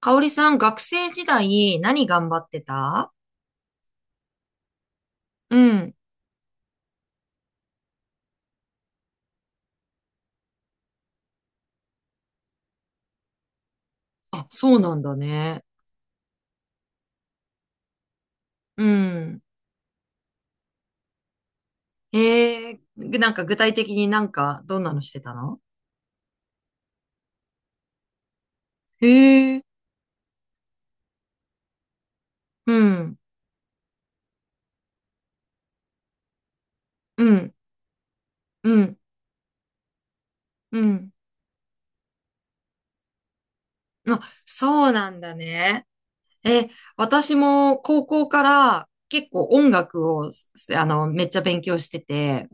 かおりさん、学生時代何頑張ってた？うん。あ、そうなんだね。うん。へえ、なんか具体的になんかどんなのしてたの？へえ、うん、うん、うん、うん。あ、そうなんだね。え、私も高校から結構音楽を、めっちゃ勉強してて、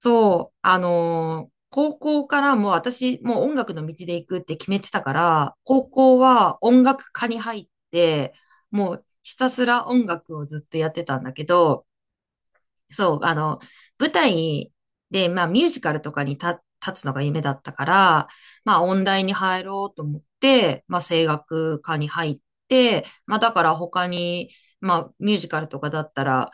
そう、高校からもう私、もう音楽の道で行くって決めてたから、高校は音楽科に入って、もうひたすら音楽をずっとやってたんだけど、そう、あの、舞台で、まあミュージカルとかに立つのが夢だったから、まあ音大に入ろうと思って、まあ声楽科に入って、まあだから他に、まあミュージカルとかだったら、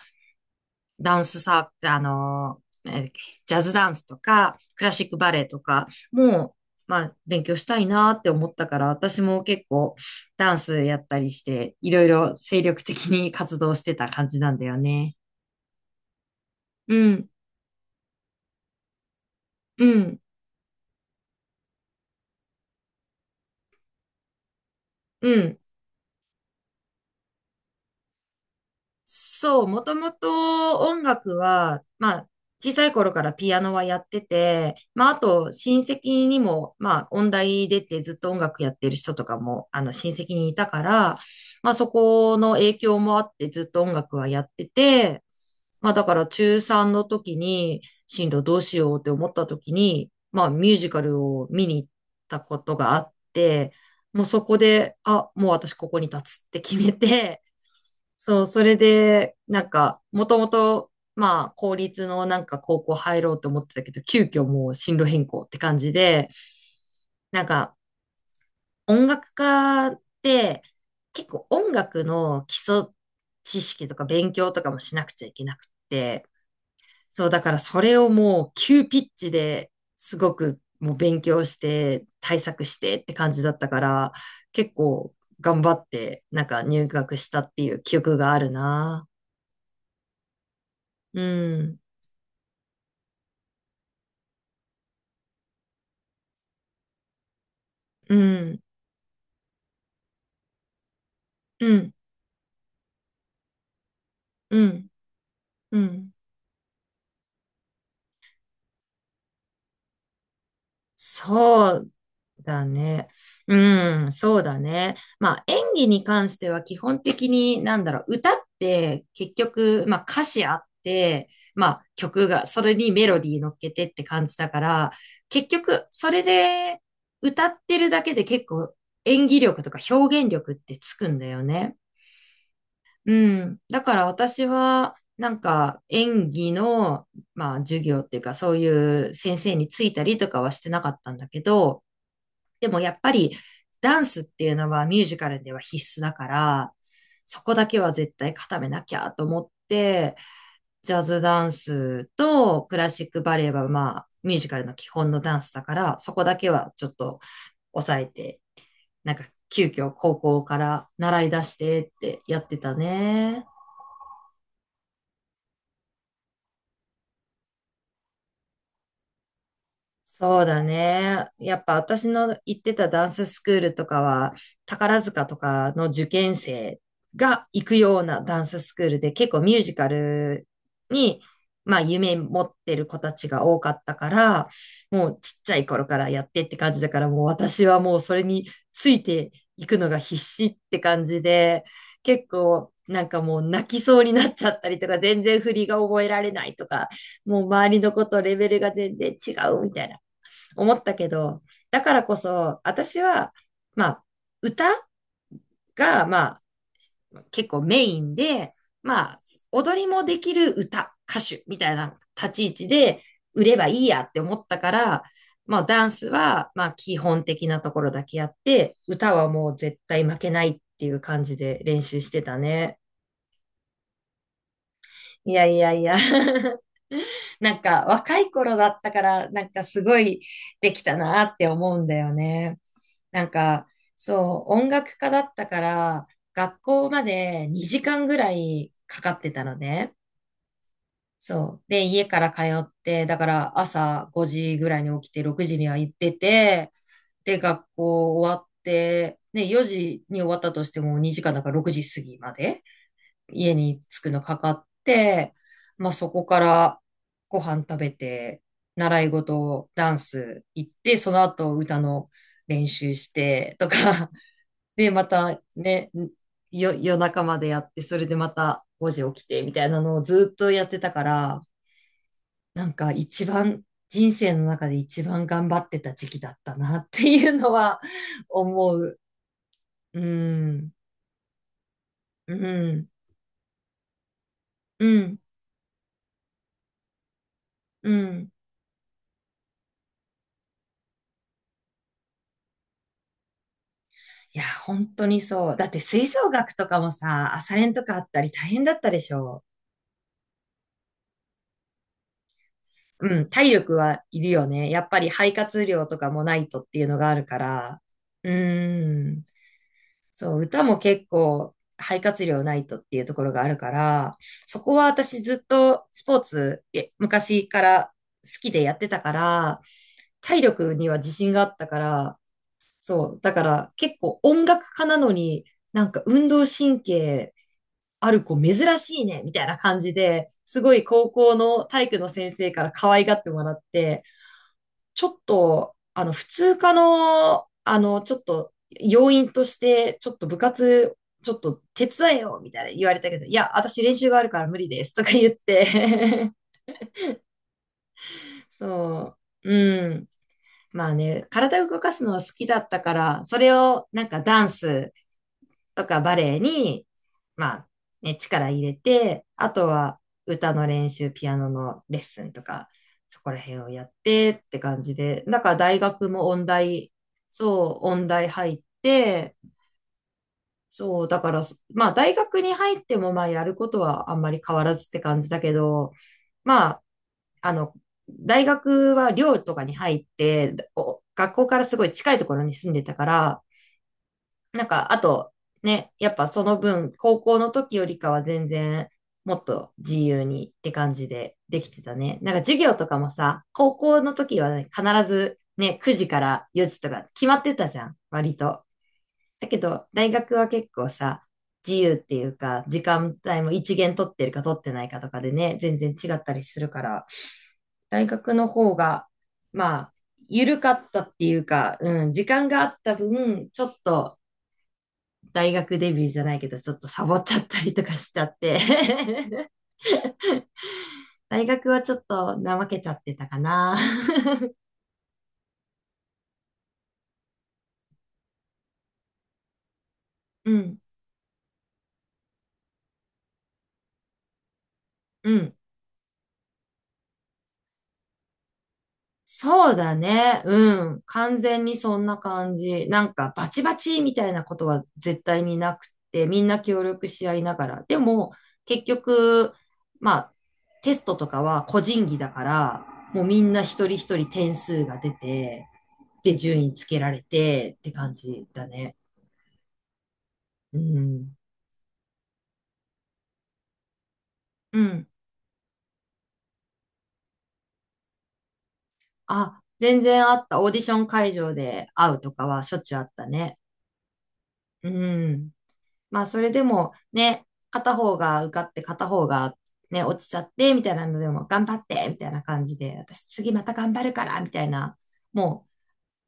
ダンスサー、あのー、えージャズダンスとか、クラシックバレエとかも、まあ、勉強したいなって思ったから、私も結構ダンスやったりして、いろいろ精力的に活動してた感じなんだよね。うん、うん、うん。そう、もともと音楽は、まあ、小さい頃からピアノはやってて、まあ、あと、親戚にも、まあ、音大出てずっと音楽やってる人とかも、親戚にいたから、まあ、そこの影響もあってずっと音楽はやってて、まあ、だから中3の時に、進路どうしようって思った時に、まあ、ミュージカルを見に行ったことがあって、もうそこで、あ、もう私ここに立つって決めて、そう、それで、なんか、もともと、まあ、公立のなんか高校入ろうと思ってたけど、急遽もう進路変更って感じで、なんか、音楽家って結構音楽の基礎知識とか勉強とかもしなくちゃいけなくって、そう、だからそれをもう急ピッチですごくもう勉強して対策してって感じだったから、結構頑張ってなんか入学したっていう記憶があるな。うん。うん、うん、うん、うん。そうだね。うん、そうだね。まあ演技に関しては基本的になんだろう、歌って結局、まあ歌詞あって、まあ曲が、それにメロディー乗っけてって感じだから、結局それで歌ってるだけで結構演技力とか表現力ってつくんだよね。うん。だから私は、なんか演技の、まあ、授業っていうか、そういう先生についたりとかはしてなかったんだけど、でもやっぱりダンスっていうのはミュージカルでは必須だから、そこだけは絶対固めなきゃと思って、ジャズダンスとクラシックバレエはまあ、ミュージカルの基本のダンスだから、そこだけはちょっと抑えて、なんか急遽高校から習い出してってやってたね。そうだね。やっぱ私の行ってたダンススクールとかは、宝塚とかの受験生が行くようなダンススクールで、結構ミュージカルに、まあ夢持ってる子たちが多かったから、もうちっちゃい頃からやってって感じだから、もう私はもうそれについていくのが必死って感じで、結構なんかもう泣きそうになっちゃったりとか、全然振りが覚えられないとか、もう周りの子とレベルが全然違うみたいな思ったけど、だからこそ、私は、まあ、歌が、まあ、結構メインで、まあ、踊りもできる歌手みたいな立ち位置で売ればいいやって思ったから、まあ、ダンスは、まあ、基本的なところだけやって、歌はもう絶対負けないっていう感じで練習してたね。いやいやいや なんか若い頃だったから、なんかすごいできたなって思うんだよね。なんか、そう、音楽家だったから、学校まで2時間ぐらいかかってたのね。そう。で、家から通って、だから朝5時ぐらいに起きて、6時には行ってて、で、学校終わって、ね、4時に終わったとしても2時間だから6時過ぎまで家に着くのかかって、まあそこからご飯食べて、習い事、ダンス行って、その後歌の練習してとか、で、またね、夜中までやって、それでまた5時起きて、みたいなのをずっとやってたから、なんか一番、人生の中で一番頑張ってた時期だったなっていうのは 思う。うん、うん、うん、うん。いや、本当にそう。だって吹奏楽とかもさ、朝練とかあったり大変だったでしょ。うん、体力はいるよね。やっぱり肺活量とかもないとっていうのがあるから。うん。そう、歌も結構肺活量ないとっていうところがあるから、そこは私ずっとスポーツ昔から好きでやってたから、体力には自信があったから、そう、だから結構音楽家なのになんか運動神経ある子珍しいね、みたいな感じで、すごい高校の体育の先生から可愛がってもらって、ちょっと、あの、普通科の、あの、ちょっと、要因として、ちょっと部活、ちょっと手伝えよ、みたいな言われたけど、いや、私練習があるから無理です、とか言って そう、うん。まあね、体を動かすのは好きだったから、それをなんかダンスとかバレエに、まあ、ね、力入れて、あとは歌の練習、ピアノのレッスンとか、そこら辺をやってって感じで、だから大学も音大、そう、音大入って、そう、だからそ、まあ大学に入ってもまあやることはあんまり変わらずって感じだけど、まあ、あの、大学は寮とかに入って、お学校からすごい近いところに住んでたから、なんか、あと、ね、やっぱその分、高校の時よりかは全然、もっと自由にって感じでできてたね。なんか授業とかもさ、高校の時はね、必ずね、9時から4時とか決まってたじゃん、割と。だけど、大学は結構さ、自由っていうか、時間帯も一限取ってるか取ってないかとかでね、全然違ったりするから、大学の方が、まあ、緩かったっていうか、うん、時間があった分、ちょっと大学デビューじゃないけど、ちょっとサボっちゃったりとかしちゃって 大学はちょっと怠けちゃってたかな。うん、うん。そうだね。うん。完全にそんな感じ。なんか、バチバチみたいなことは絶対になくて、みんな協力し合いながら。でも、結局、まあ、テストとかは個人技だから、もうみんな一人一人点数が出て、で、順位つけられてって感じだね。うん。うん。あ、全然あった。オーディション会場で会うとかはしょっちゅうあったね。うん。まあ、それでもね、片方が受かって片方がね、落ちちゃってみたいなのでも、頑張ってみたいな感じで、私次また頑張るからみたいな。も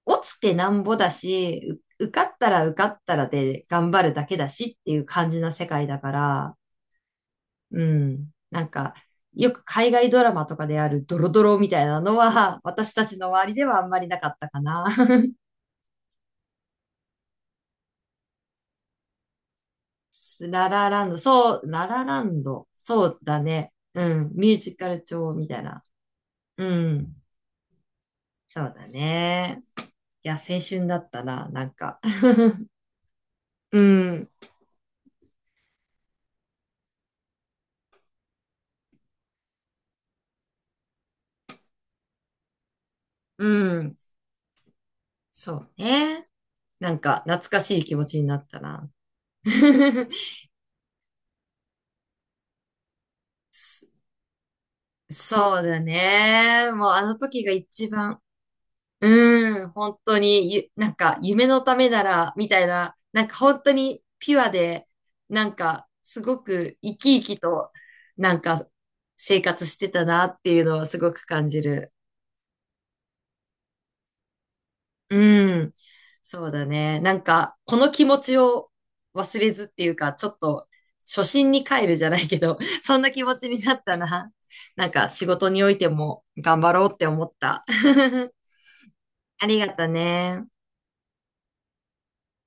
う、落ちてなんぼだし、受かったら受かったらで頑張るだけだしっていう感じな世界だから、うん。なんか、よく海外ドラマとかであるドロドロみたいなのは、私たちの周りではあんまりなかったかな。ララランド、そう、ララランド、そうだね。うん、ミュージカル調みたいな。うん、そうだね。いや、青春だったな、なんか。うん、うん、そうね。なんか、懐かしい気持ちになったな。そうだね。もうあの時が一番うーん、本当になんか夢のためなら、みたいな、なんか本当にピュアで、なんかすごく生き生きと、なんか生活してたなっていうのはすごく感じる。うん、そうだね。なんかこの気持ちを忘れずっていうか、ちょっと初心に帰るじゃないけど、そんな気持ちになったな。なんか仕事においても頑張ろうって思った。ありがとね。